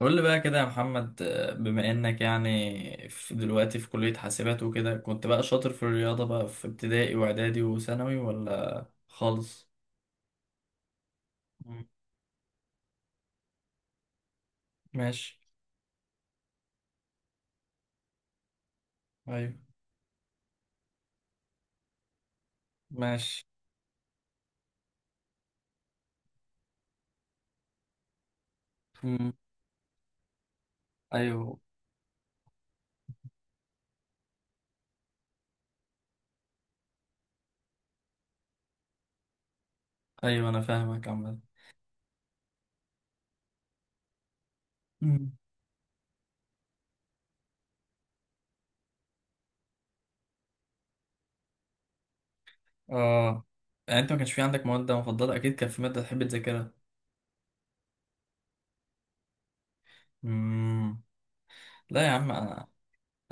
قول لي بقى كده يا محمد، بما انك يعني في دلوقتي في كلية حاسبات وكده، كنت بقى شاطر في الرياضة بقى في ابتدائي واعدادي وثانوي ولا خالص؟ مم. ماشي. ايوه. ماشي. مم. ايوه، ايوه، انا فاهمك عامة. مم. اه، يعني انت ما كانش في عندك مواد مفضلة؟ اكيد كان في مادة تحب تذاكرها. مم. لا يا عم، انا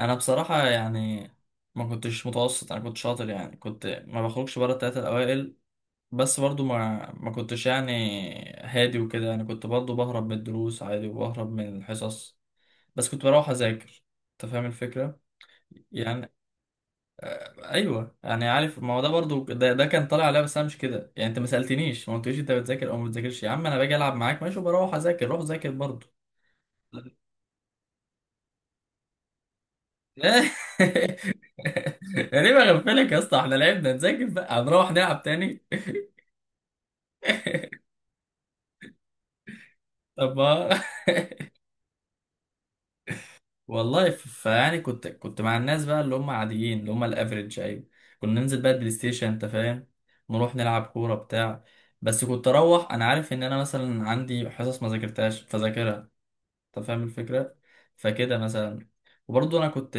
انا بصراحة يعني ما كنتش متوسط، انا كنت شاطر يعني، كنت ما بخرجش بره التلاتة الاوائل. بس برضو ما كنتش يعني هادي وكده يعني، كنت برضو بهرب من الدروس عادي وبهرب من الحصص، بس كنت بروح اذاكر. انت فاهم الفكره يعني؟ ايوه يعني، عارف، ما هو ده برضو ده كان طالع عليا، بس انا مش كده يعني. انت ما سالتنيش ما قلتليش انت بتذاكر او ما بتذاكرش، يا عم انا باجي العب معاك ماشي وبروح اذاكر، روح ذاكر برضو. انا ليه بغفلك يا اسطى؟ احنا لعبنا، نذاكر بقى هنروح نلعب تاني. طب ما والله فيعني كنت مع الناس بقى اللي هم عاديين اللي هم الافريج، ايوه، كنا ننزل بقى البلاي ستيشن انت فاهم، نروح نلعب كوره بتاع، بس كنت اروح، انا عارف ان انا مثلا عندي حصص ما ذاكرتهاش فذاكرها. انت فاهم الفكره؟ فكده مثلا. وبرضه انا كنت،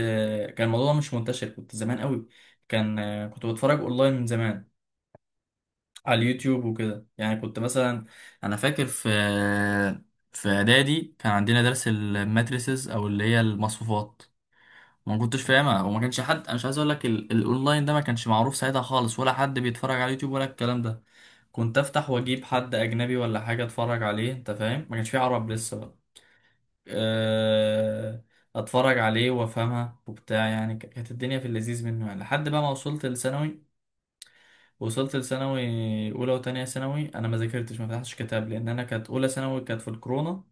كان الموضوع مش منتشر، كنت زمان قوي، كان كنت بتفرج اونلاين من زمان على اليوتيوب وكده يعني. كنت مثلا، انا فاكر في اعدادي كان عندنا درس الماتريسز او اللي هي المصفوفات، ما كنتش فاهمها وما كانش حد، انا مش عايز اقول لك، الاونلاين ده ما كانش معروف ساعتها خالص ولا حد بيتفرج على اليوتيوب ولا الكلام ده. كنت افتح واجيب حد اجنبي ولا حاجه اتفرج عليه، انت فاهم، ما كانش في عرب لسه بقى. أه... اتفرج عليه وافهمها وبتاع يعني، كانت الدنيا في اللذيذ منه يعني، لحد بقى ما وصلت لثانوي. وصلت لثانوي، اولى وتانية ثانوي انا ما ذاكرتش، ما فتحتش كتاب، لان انا كانت اولى ثانوي كانت في الكورونا،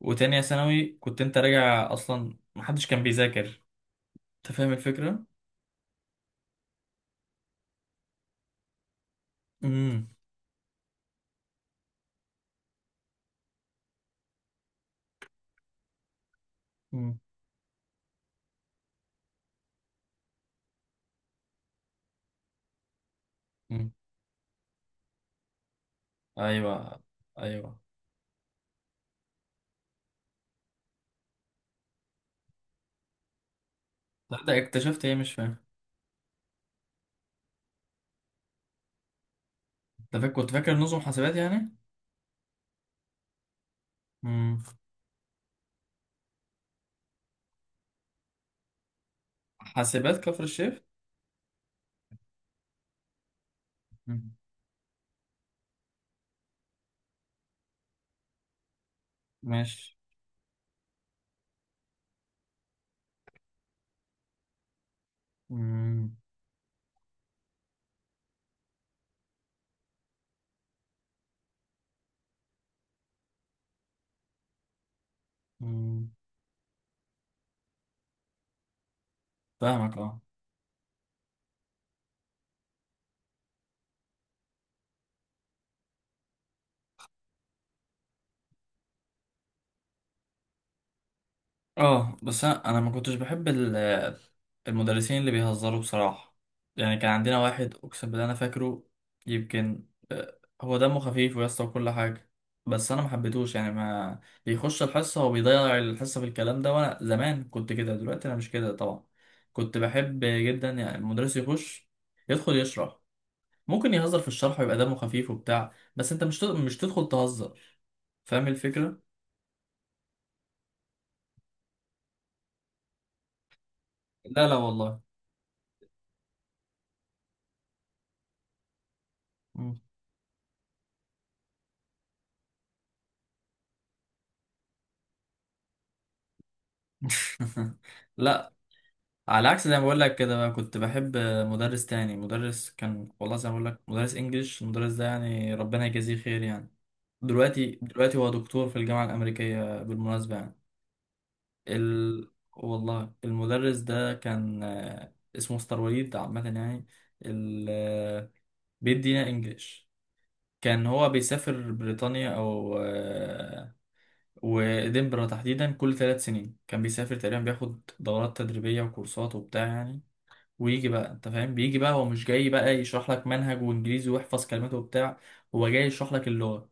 وتانية ثانوي كنت انت راجع اصلا، ما حدش كان بيذاكر. انت فاهم الفكره؟ امم. مم. ايوه، ايوه. تصدق اكتشفت ايه مش فاهم. انت فاكر، كنت فاكر نظم حاسبات يعني. مم. حاسبات كفر الشيخ. مم. ماشي. مم. مم. فاهمك اه. اه، بس انا ما كنتش بحب المدرسين اللي بيهزروا بصراحة. يعني كان عندنا واحد، اقسم بالله انا فاكره، يمكن، هو دمه خفيف ويسطا وكل حاجة، بس انا ما حبيتهوش يعني، ما بيخش الحصة وبيضيع الحصة في الكلام ده. وانا زمان كنت كده، دلوقتي انا مش كده طبعا. كنت بحب جدا يعني المدرس يخش يدخل يشرح، ممكن يهزر في الشرح ويبقى دمه خفيف وبتاع، بس انت مش تدخل تهزر. فاهم الفكرة؟ لا، لا، والله. لا، على عكس، زي ما بقول لك كده بقى كنت بحب مدرس تاني، مدرس كان والله، زي ما بقول لك، مدرس انجليش، المدرس ده يعني ربنا يجازيه خير يعني، دلوقتي هو دكتور في الجامعة الأمريكية بالمناسبة يعني. ال... والله المدرس ده كان، اسمه مستر وليد عامة يعني، ال... آه، بيدينا انجليش، كان هو بيسافر بريطانيا أو ودنبرة تحديدا، كل 3 سنين كان بيسافر تقريبا، بياخد دورات تدريبية وكورسات وبتاع يعني. ويجي بقى انت فاهم، بيجي بقى هو مش جاي بقى يشرح لك منهج وانجليزي ويحفظ كلماته وبتاع، هو جاي يشرح لك اللغة،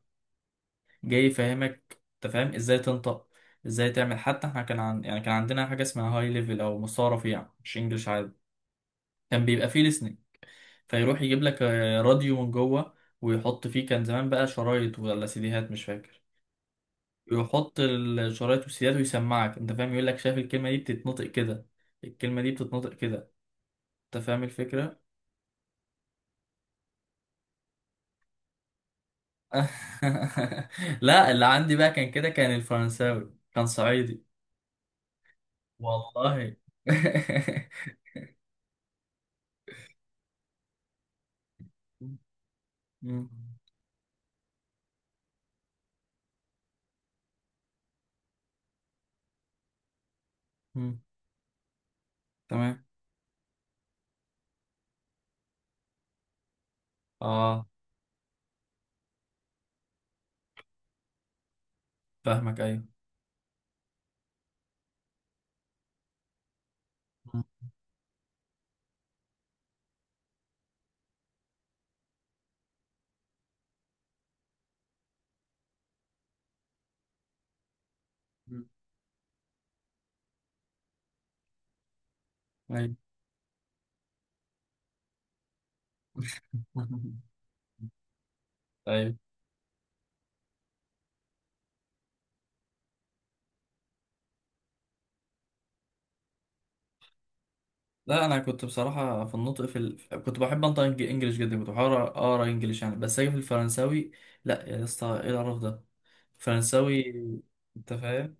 جاي يفهمك انت فاهم ازاي تنطق ازاي تعمل. حتى احنا كان يعني كان عندنا حاجة اسمها هاي ليفل او مستوى رفيع، مش انجلش عادي، كان بيبقى فيه listening، فيروح يجيب لك راديو من جوه، ويحط فيه، كان زمان بقى شرايط ولا سيديهات مش فاكر، يحط الشرايط والسيدات ويسمعك، انت فاهم، يقول لك شايف الكلمة دي بتتنطق كده، الكلمة دي بتتنطق كده. انت فاهم الفكرة؟ لا، اللي عندي بقى كان كده، كان الفرنساوي كان صعيدي. والله. م-. م-. تمام. اه فاهمك، ايوه. م-. م-. ايوه. ايوه، لا، انا كنت بصراحه في النطق، كنت بحب انطق انجليش جدا، كنت بحاول اقرا انجليش يعني، بس اجي في الفرنساوي، لا يا اسطى، ايه القرف ده، فرنساوي، انت فاهم؟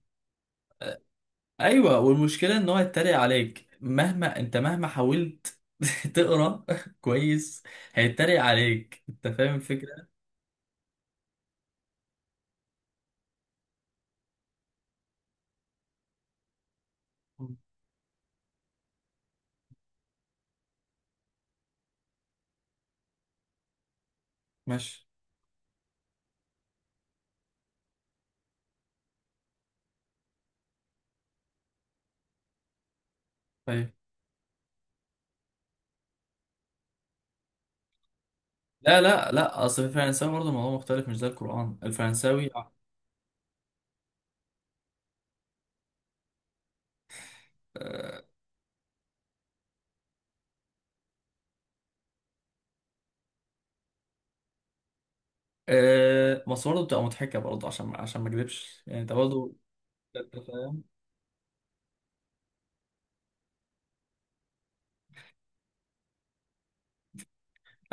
ايوه، والمشكله ان هو يتريق عليك مهما مهما حاولت تقرا، كويس، هيتريق عليك، انت فاهم الفكره. ماشي. طيب. لا، لا، لا، اصل في الفرنساوي برضه الموضوع مختلف، مش زي القران، الفرنساوي، بس برضه بتبقى مضحكه برضه، عشان ما اكذبش يعني، انت برضه، انت فاهم.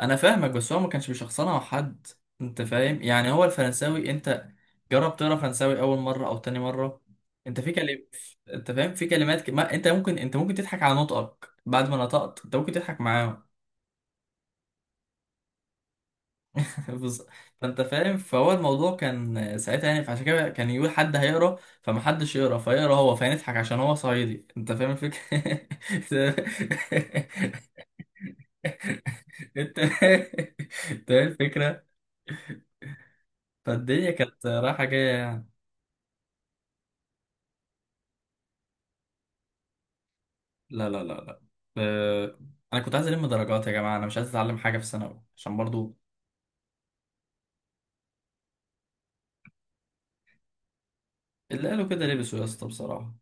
انا فاهمك، بس هو ما كانش بيشخصنها مع حد، انت فاهم يعني، هو الفرنساوي انت جرب تقرا فرنساوي اول مره او تاني مره، انت في كلمات، انت فاهم في كلمات ما انت ممكن، انت ممكن تضحك على نطقك، بعد ما نطقت انت ممكن تضحك معاهم. بص- فانت فاهم، فهو الموضوع كان ساعتها يعني، فعشان كده كان يقول حد هيقرا، فما حدش يقرا، فيقرا هو، فنضحك عشان هو صعيدي، انت فاهم الفكره. انت انت فاهم الفكره. فالدنيا كانت رايحه جايه يعني. لا، لا، لا، لا، آه، انا كنت عايز الم درجات يا جماعه، انا مش عايز اتعلم حاجه في ثانوي، عشان برضو اللي قالوا كده لبسوا يا اسطى بصراحه.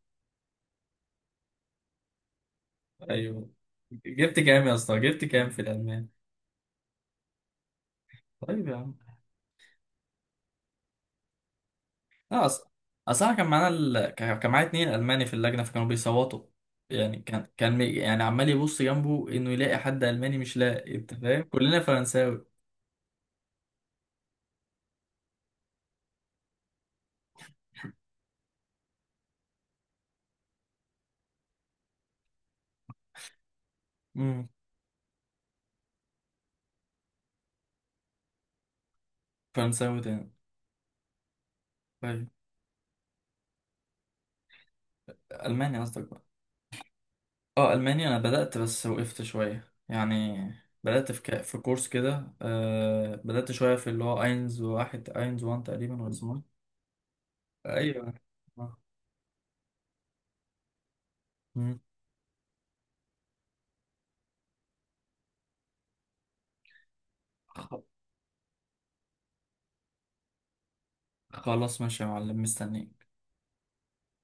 ايوه. جبت كام يا اسطى؟ جبت كام في الالمان؟ طيب يا عم. لا، اصل انا كان معانا كان معايا 2 الماني في اللجنه، فكانوا بيصوتوا يعني. كان يعني عمال يبص جنبه انه يلاقي حد الماني مش لاقي، انت فاهم، كلنا فرنساوي. امم. فرنساوي تاني. طيب. الماني قصدك. اه، المانيا انا بدات بس وقفت شويه يعني. بدات في في كورس كده، بدات شويه في اللي هو اينز واحد اينز وان تقريبا ولا اسمه إيه؟ ايوه. آه. مم. خ- خلاص ماشي يا معلم، مستنيك.